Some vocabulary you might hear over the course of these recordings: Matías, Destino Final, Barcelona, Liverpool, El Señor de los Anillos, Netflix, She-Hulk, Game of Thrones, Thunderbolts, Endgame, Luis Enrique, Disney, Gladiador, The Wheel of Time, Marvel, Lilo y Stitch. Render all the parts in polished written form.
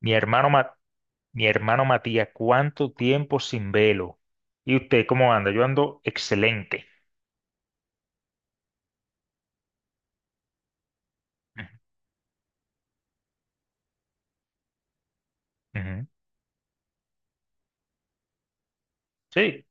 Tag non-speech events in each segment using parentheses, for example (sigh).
Mi hermano, Ma- mi hermano Matías, ¿cuánto tiempo sin velo? ¿Y usted cómo anda? Yo ando excelente. Ujú, ujú. Sí,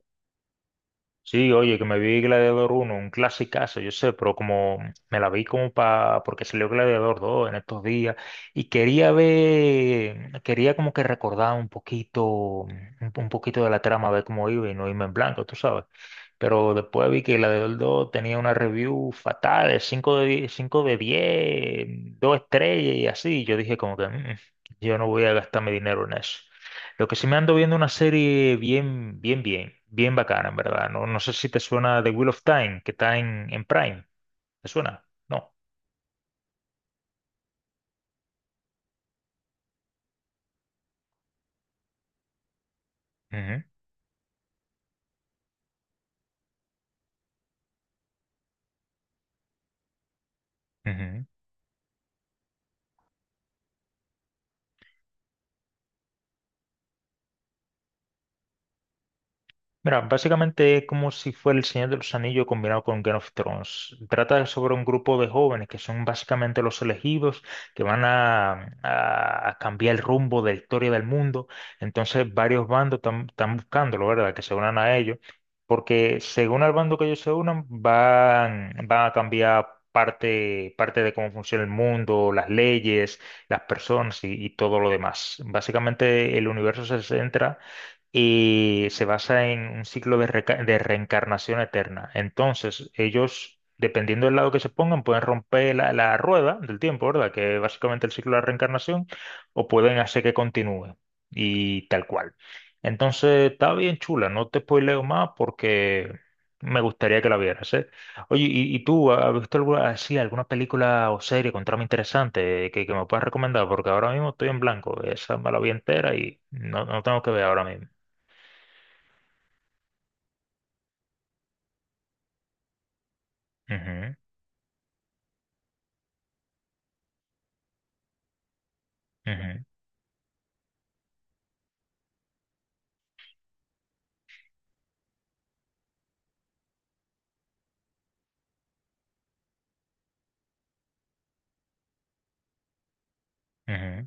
sí, oye, que me vi Gladiador uno, un clasicazo, yo sé, pero como me la vi como para, porque salió Gladiador dos en estos días, y quería como que recordar un poquito, un poquito de la trama, ver cómo iba y no irme en blanco, tú sabes. Pero después vi que Gladiador dos tenía una review fatal, de cinco de 10, 5 de 10, 2 estrellas y así. Yo dije como que "Mm, yo no voy a gastar mi dinero en eso." Lo que sí, me ando viendo una serie bien, bien, bien, bien bacana, en verdad. No, no sé si te suena The Wheel of Time, que está en Prime. ¿Te suena? No. Ujú, ujú. Mira, básicamente es como si fuera El Señor de los Anillos combinado con Game of Thrones. Trata sobre un grupo de jóvenes que son básicamente los elegidos, que van a cambiar el rumbo de la historia del mundo. Entonces, varios bandos están buscándolo, ¿verdad? Que se unan a ellos, porque según el bando que ellos se unan, van a cambiar parte de cómo funciona el mundo, las leyes, las personas y todo lo demás. Básicamente, el universo se centra y se basa en un ciclo de reencarnación eterna. Entonces, ellos, dependiendo del lado que se pongan, pueden romper la rueda del tiempo, ¿verdad? Que es básicamente el ciclo de la reencarnación, o pueden hacer que continúe, y tal cual. Entonces, está bien chula, no te spoileo más porque me gustaría que la vieras, ¿eh? Oye, y tú has visto alguna película o serie con trama interesante que me puedas recomendar? Porque ahora mismo estoy en blanco, esa me la vi entera y no tengo que ver ahora mismo. Ujú, ujú, ujú,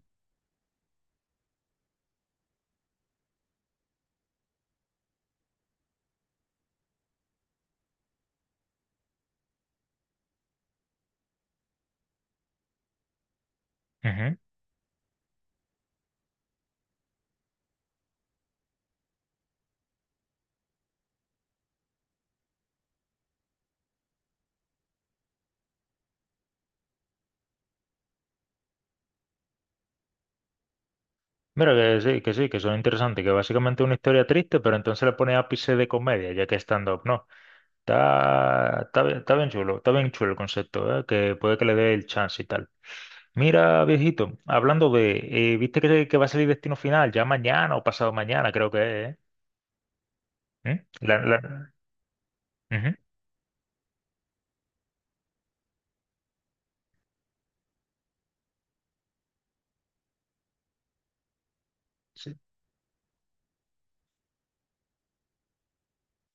ujú. Mira que sí, que sí, que son interesantes, que básicamente es una historia triste, pero entonces le pone ápice de comedia, ya que es stand-up, ¿no? Está bien chulo, el concepto, ¿eh? Que puede que le dé el chance y tal. Mira, viejito, hablando de, ¿viste que va a salir Destino Final ya mañana o pasado mañana, creo que es? ¿Eh? ¿Mm? Ujú, sí,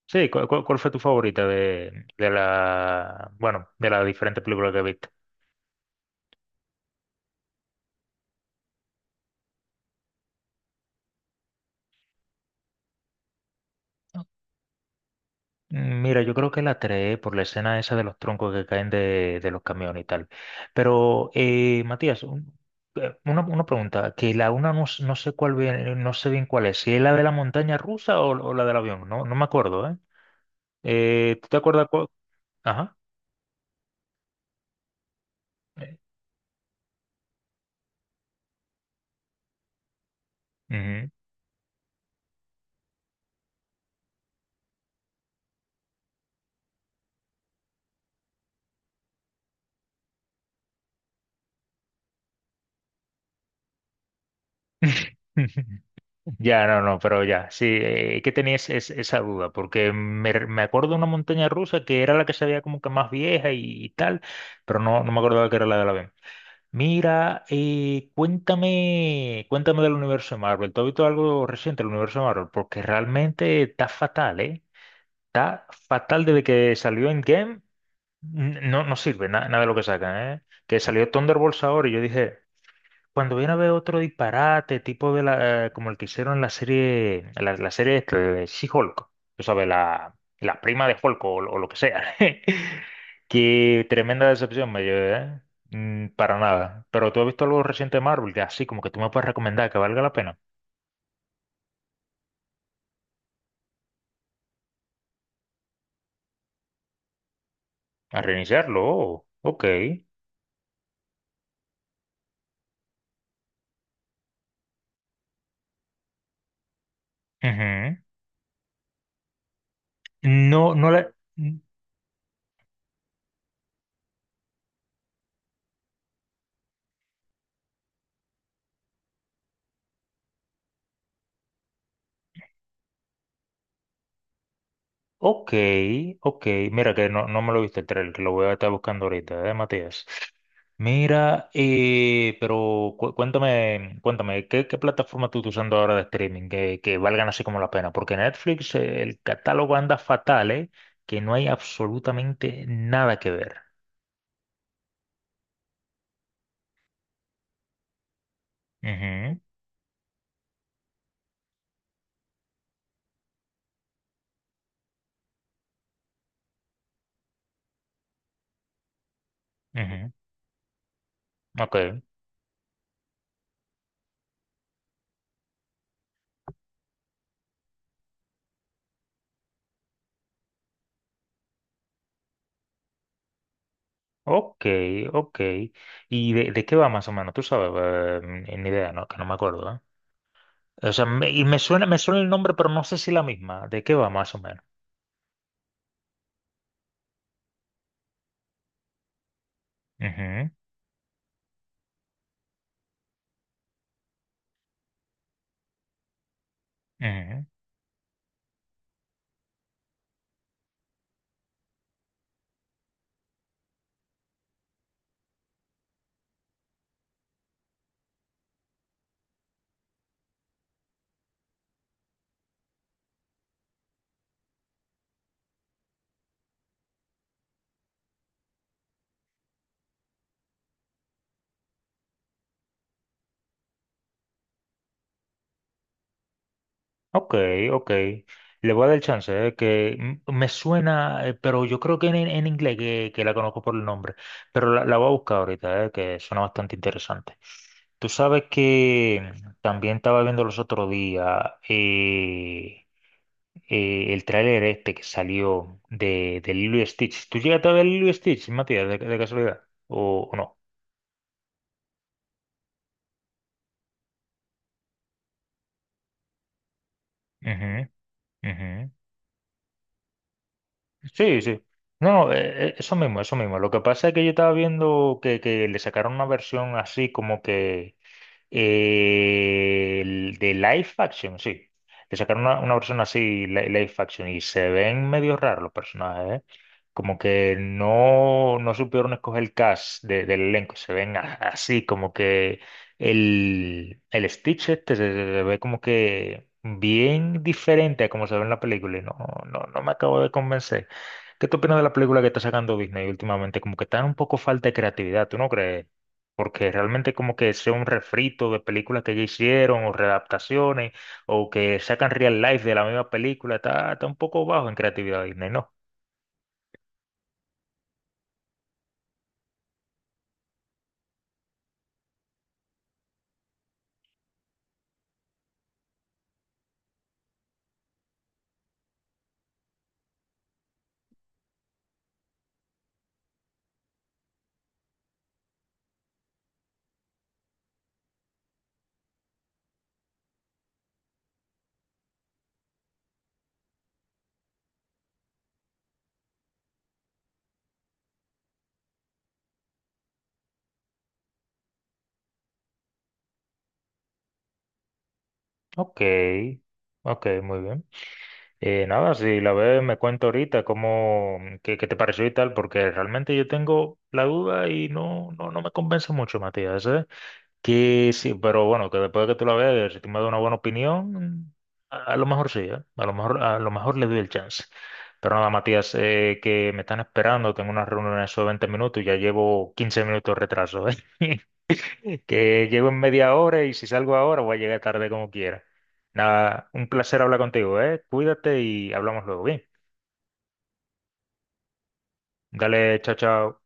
sí. ¿Cuál fue tu favorita de, bueno, de las diferentes películas que viste? Mira, yo creo que la tres, por la escena esa de los troncos que caen de los camiones y tal. Pero, Matías, una pregunta, que la una no, no sé bien cuál es, si es la de la montaña rusa o la del avión. No me acuerdo, ¿eh? ¿Tú te acuerdas cuál? Ajá. eh, Ujú. (laughs) Ya, no, no, pero ya, sí, que tenía esa duda, porque me acuerdo de una montaña rusa que era la que se veía como que más vieja, y tal, pero no me acordaba que era la del avión. Mira, cuéntame del universo de Marvel. ¿Tú has visto algo reciente del universo de Marvel? Porque realmente está fatal, ¿eh? Está fatal desde que salió Endgame. No, no sirve nada de lo que sacan, ¿eh? Que salió Thunderbolts ahora y yo dije, cuando viene a ver otro disparate, tipo como el que hicieron en la serie, la serie esta de She-Hulk, tú sabes, la prima de Hulk, o lo que sea. (laughs) Qué tremenda decepción me llevé, ¿eh? Para nada. Pero, ¿tú has visto algo reciente de Marvel, que así como que tú me puedes recomendar, que valga la pena? A reiniciarlo, oh, OK. Ujú. No, no la. OK, OK. Mira que no me lo viste, el trailer, que lo voy a estar buscando ahorita, ¿eh, Matías? Mira, pero cuéntame, ¿qué plataforma tú estás usando ahora de streaming que valgan así como la pena? Porque Netflix, el catálogo anda fatal, ¿eh? Que no hay absolutamente nada que ver. Ujú, ujú. OK, OK, OK. ¿Y de qué va más o menos? Tú sabes, ni idea, ¿no? Que no me acuerdo. O sea, me suena el nombre, pero no sé si la misma. ¿De qué va más o menos? Ujú, ujú. OK, OK. Le voy a dar el chance, que me suena, pero yo creo que en inglés que la conozco, por el nombre. Pero la voy a buscar ahorita, que suena bastante interesante. Tú sabes que también estaba viendo los otros días, el tráiler este que salió de Lilo y Stitch. ¿Tú llegaste a ver Lilo y Stitch, Matías, de casualidad? ¿O no? Ujú, ujú. Sí, sí. No, eso mismo, eso mismo. Lo que pasa es que yo estaba viendo que, le sacaron una versión así como que... El de live action, sí. Le sacaron una versión así, live action, y se ven medio raros los personajes, ¿eh? Como que no supieron escoger el cast, del elenco. Se ven así, como que el Stitch este se ve como que bien diferente a como se ve en la película, y no me acabo de convencer. ¿Qué tú opinas de la película que está sacando Disney últimamente? Como que está un poco falta de creatividad, ¿tú no crees? Porque realmente como que sea un refrito de películas que ya hicieron, o readaptaciones, o que sacan real life de la misma película. Está un poco bajo en creatividad Disney, ¿no? OK, OK, muy bien. Nada, si la ves me cuento ahorita qué te pareció y tal, porque realmente yo tengo la duda y no me convence mucho, Matías, ¿eh? Que sí, pero bueno, que después de que tú la veas, si tú me das una buena opinión, a lo mejor sí, ¿eh? A lo mejor le doy el chance. Pero nada, Matías, que me están esperando, tengo una reunión en esos 20 minutos y ya llevo 15 minutos de retraso, ¿eh? (laughs) Que llego en media hora, y si salgo ahora voy a llegar tarde como quiera. Nada, un placer hablar contigo, ¿eh? Cuídate y hablamos luego, bien. Dale, chao, chao.